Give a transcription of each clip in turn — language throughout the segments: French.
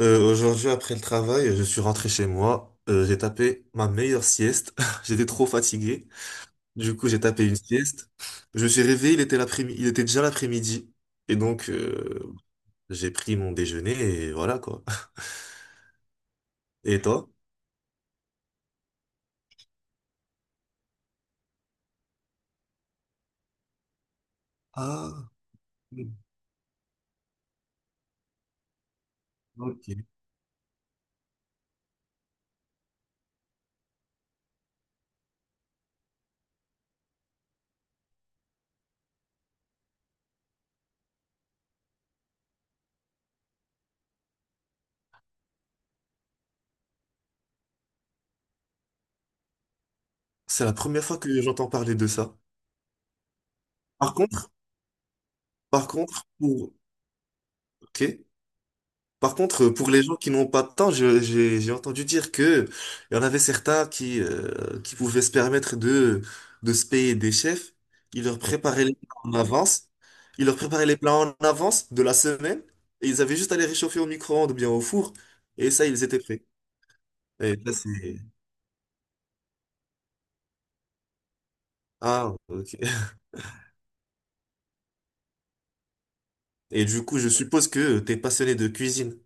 Aujourd'hui, après le travail, je suis rentré chez moi. J'ai tapé ma meilleure sieste. J'étais trop fatigué. Du coup, j'ai tapé une sieste. Je me suis réveillé, il était l'après-midi, il était déjà l'après-midi. Et donc, j'ai pris mon déjeuner et voilà quoi. Et toi? Ah, ok. C'est la première fois que j'entends parler de ça. Par contre, par contre, pour... Ok. Par contre, pour les gens qui n'ont pas de temps, j'ai entendu dire que il y en avait certains qui pouvaient se permettre de se payer des chefs. Ils leur préparaient les plats en avance. Ils leur préparaient les plats en avance de la semaine et ils avaient juste à les réchauffer au micro-ondes ou bien au four et ça ils étaient prêts. Et là c'est ah ok. Et du coup, je suppose que t'es passionné de cuisine.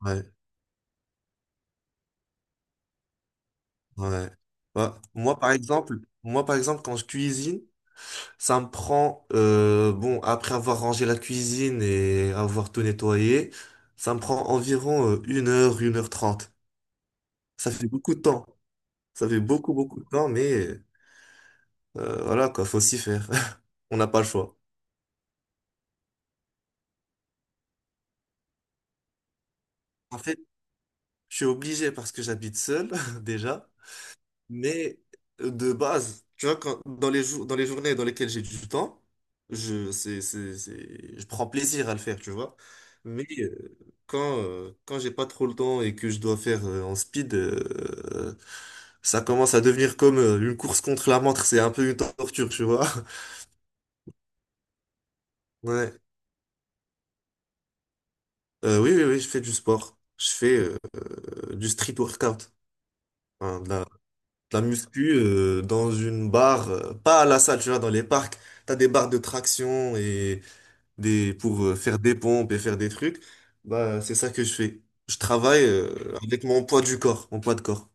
Ouais ouais. Ouais. Moi par exemple quand je cuisine, ça me prend, bon, après avoir rangé la cuisine et avoir tout nettoyé, ça me prend environ 1 h, 1 h 30. Ça fait beaucoup de temps. Ça fait beaucoup, beaucoup de temps, mais voilà quoi, faut s'y faire. On n'a pas le choix. En fait, je suis obligé parce que j'habite seul déjà. Mais de base, tu vois, dans les jours, dans les journées dans lesquelles j'ai du temps, je, c'est- je prends plaisir à le faire, tu vois. Mais quand j'ai pas trop le temps et que je dois faire en speed, ça commence à devenir comme une course contre la montre, c'est un peu une torture, tu vois. Ouais. Oui, je fais du sport. Je fais du street workout, Enfin, de la- de la muscu dans une barre, pas à la salle, tu vois, dans les parcs, t'as des barres de traction et des pour faire des pompes et faire des trucs. Bah, c'est ça que je fais. Je travaille avec mon poids de corps.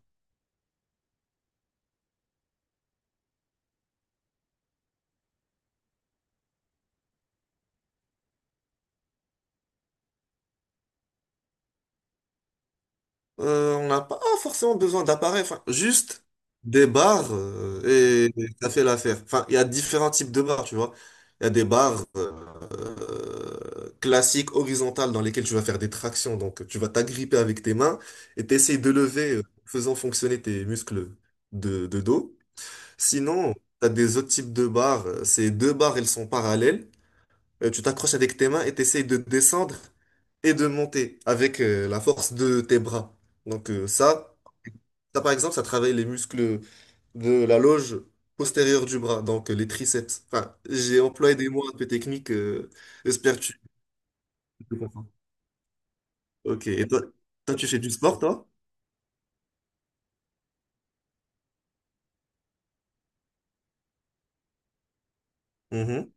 On n'a pas forcément besoin d'appareils, enfin, juste des barres et ça fait l'affaire. Enfin, il y a différents types de barres, tu vois. Il y a des barres classiques, horizontales, dans lesquelles tu vas faire des tractions. Donc, tu vas t'agripper avec tes mains et t'essayes de lever, faisant fonctionner tes muscles de dos. Sinon, tu as des autres types de barres. Ces deux barres, elles sont parallèles. Tu t'accroches avec tes mains et t'essayes de descendre et de monter avec la force de tes bras. Donc euh, ça, ça par exemple, ça travaille les muscles de la loge postérieure du bras, donc les triceps. Enfin, j'ai employé des mots un peu techniques, j'espère que tu comprends. Ok, et toi, toi, tu fais du sport, toi? Mhm.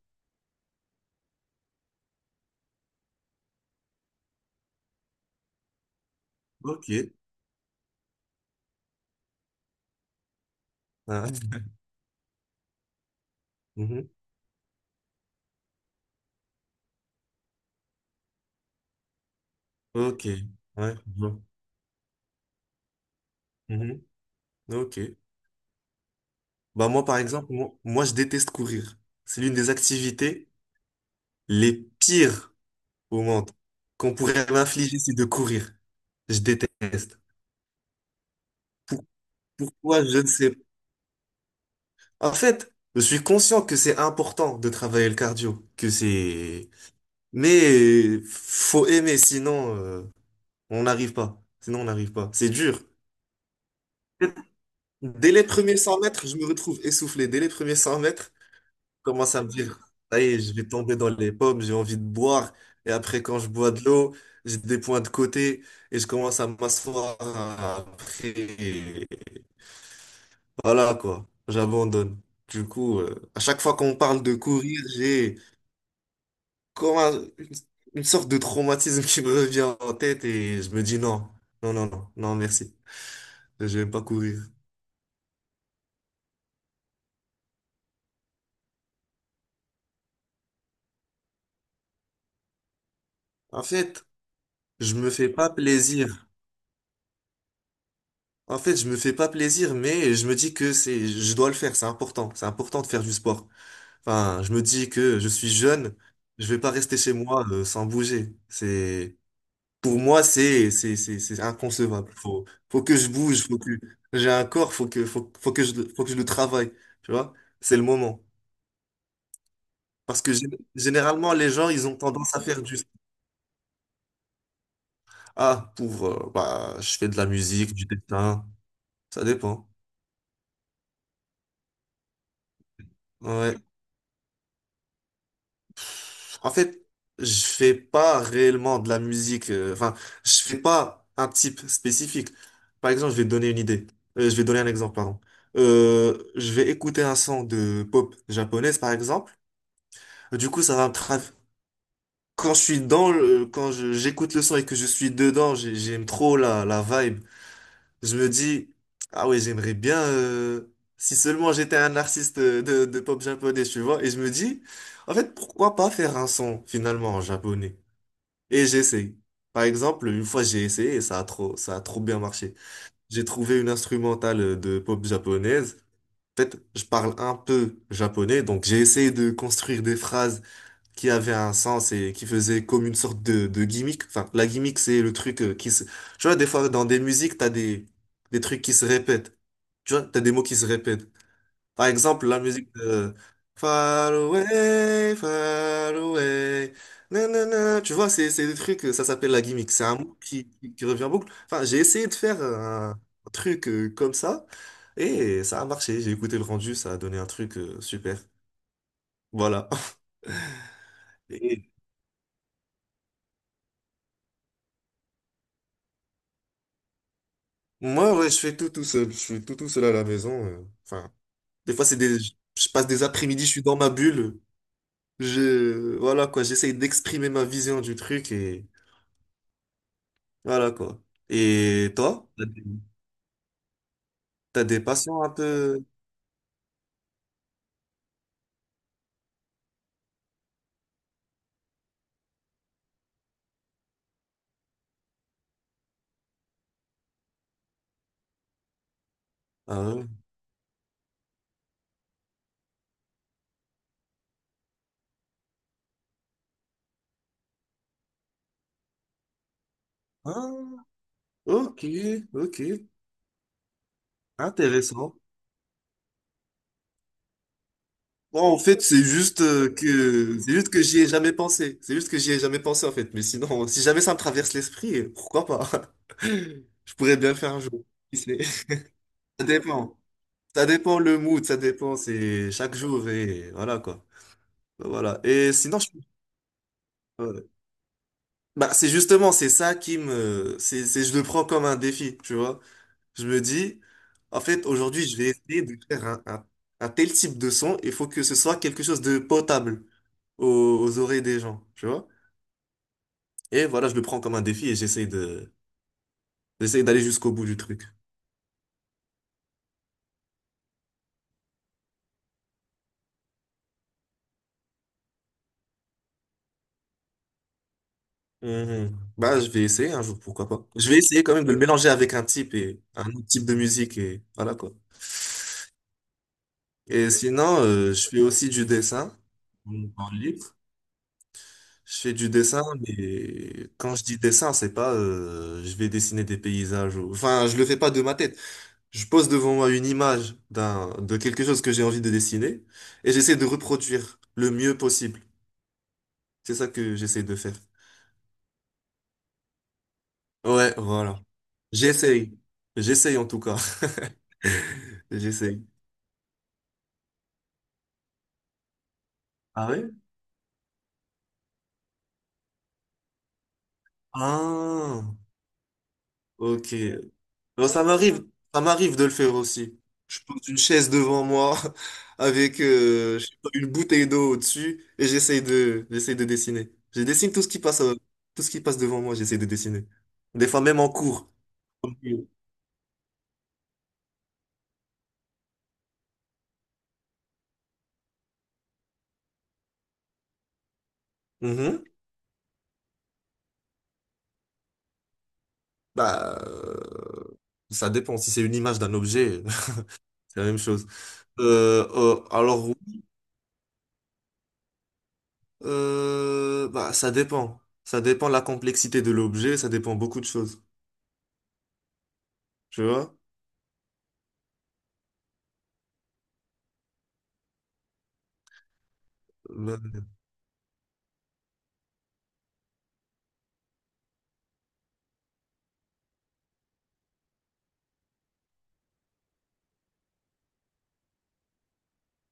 Ok. Ah. Mhm. Ok. Ouais, je vois. Mhm. Ok. Bah moi, par exemple, je déteste courir. C'est l'une des activités les pires au monde qu'on pourrait m'infliger, c'est de courir. Je déteste. Pourquoi, je ne sais pas. En fait, je suis conscient que c'est important de travailler le cardio, que c'est... Mais faut aimer, sinon on n'arrive pas. Sinon on n'arrive pas. C'est dur. Dès les premiers 100 mètres, je me retrouve essoufflé. Dès les premiers 100 mètres, je commence à me dire, ça y est, je vais tomber dans les pommes, j'ai envie de boire. Et après, quand je bois de l'eau, j'ai des points de côté et je commence à m'asseoir après. Voilà quoi, j'abandonne. Du coup, à chaque fois qu'on parle de courir, j'ai comme un- une, une sorte de traumatisme qui me revient en tête et je me dis non, non, merci. Je vais pas courir. En fait, je me fais pas plaisir. En fait, je me fais pas plaisir, mais je me dis je dois le faire, c'est important. C'est important de faire du sport. Enfin, je me dis que je suis jeune, je vais pas rester chez moi, sans bouger. Pour moi, c'est inconcevable. Faut que je bouge, faut que j'ai un corps, faut que je le travaille, tu vois? C'est le moment. Parce que généralement les gens, ils ont tendance à faire juste ah pour bah je fais de la musique, du dessin, ça dépend. Ouais. En fait, je fais pas réellement de la musique enfin, je fais pas un type spécifique. Par exemple, je vais te donner une idée. Je vais donner un exemple, pardon. Je vais écouter un son de pop japonaise par exemple. Du coup, ça va me tra- Quand je suis dans le... j'écoute le son et que je suis dedans, j'aime trop la vibe. Je me dis, ah ouais, j'aimerais bien, si seulement j'étais un artiste de pop japonais, tu vois. Et je me dis, en fait, pourquoi pas faire un son, finalement, en japonais? Et j'essaye. Par exemple, une fois, j'ai essayé et ça a trop bien marché. J'ai trouvé une instrumentale de pop japonaise. En fait, je parle un peu japonais, donc j'ai essayé de construire des phrases qui avait un sens et qui faisait comme une sorte de gimmick. Enfin, la gimmick, c'est le truc qui se... Tu vois, des fois, dans des musiques, t'as des trucs qui se répètent. Tu vois, t'as des mots qui se répètent. Par exemple, la musique de far away, nanana. Tu vois, c'est des trucs, ça s'appelle la gimmick. C'est un mot qui revient en boucle. Enfin, j'ai essayé de faire un truc comme ça et ça a marché. J'ai écouté le rendu, ça a donné un truc super. Voilà. Moi, ouais, je fais tout tout seul. Je suis tout tout seul à la maison. Enfin, des fois, c'est des, je passe des après-midi, je suis dans ma bulle. Voilà quoi, j'essaye d'exprimer ma vision du truc et voilà quoi. Et toi, t'as des passions un peu. Ah, ouais. Ah, ok, ok, intéressant. Bon, en fait, c'est juste que j'y ai jamais pensé. C'est juste que j'y ai jamais pensé en fait. Mais sinon, si jamais ça me traverse l'esprit, pourquoi pas? Je pourrais bien faire un jour. Qui sait? Ça dépend. C'est chaque jour et voilà quoi. Bah, voilà. Ouais. C'est justement, c'est ça qui me, c'est, je le prends comme un défi, tu vois. Je me dis, en fait, aujourd'hui, je vais essayer de faire un tel type de son, il faut que ce soit quelque chose de potable aux oreilles des gens, tu vois. Et voilà, je le prends comme un défi et j'essaye d'aller jusqu'au bout du truc. Mhm. Bah, je vais essayer un jour, pourquoi pas. Je vais essayer quand même de le mélanger avec un type et un autre type de musique et voilà quoi. Et sinon, je fais aussi du dessin en temps libre. Je fais du dessin, mais quand je dis dessin, c'est pas je vais dessiner des paysages. Enfin, je le fais pas de ma tête. Je pose devant moi une image d'un de quelque chose que j'ai envie de dessiner et j'essaie de reproduire le mieux possible. C'est ça que j'essaie de faire. Ouais, voilà. J'essaye. J'essaye en tout cas. J'essaye. Ah ouais? Ah, ok. Non, ça m'arrive de le faire aussi. Je pose une chaise devant moi avec je sais pas, une bouteille d'eau au-dessus et j'essaye de dessiner. Je dessine tout ce qui passe, tout ce qui passe devant moi, j'essaye de dessiner. Des fois même en cours. Ok. Mhm. Bah, euh, ça dépend. Si c'est une image d'un objet, c'est la même chose. Oui, ça dépend. Ça dépend de la complexité de l'objet, ça dépend beaucoup de choses. Tu vois? Bah,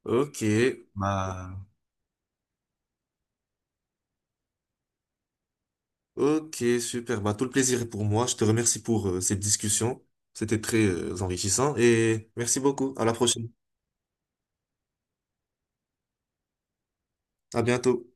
Ok, bah, Ok, super. Bah, tout le plaisir est pour moi. Je te remercie pour cette discussion. C'était très enrichissant et merci beaucoup. À la prochaine. À bientôt.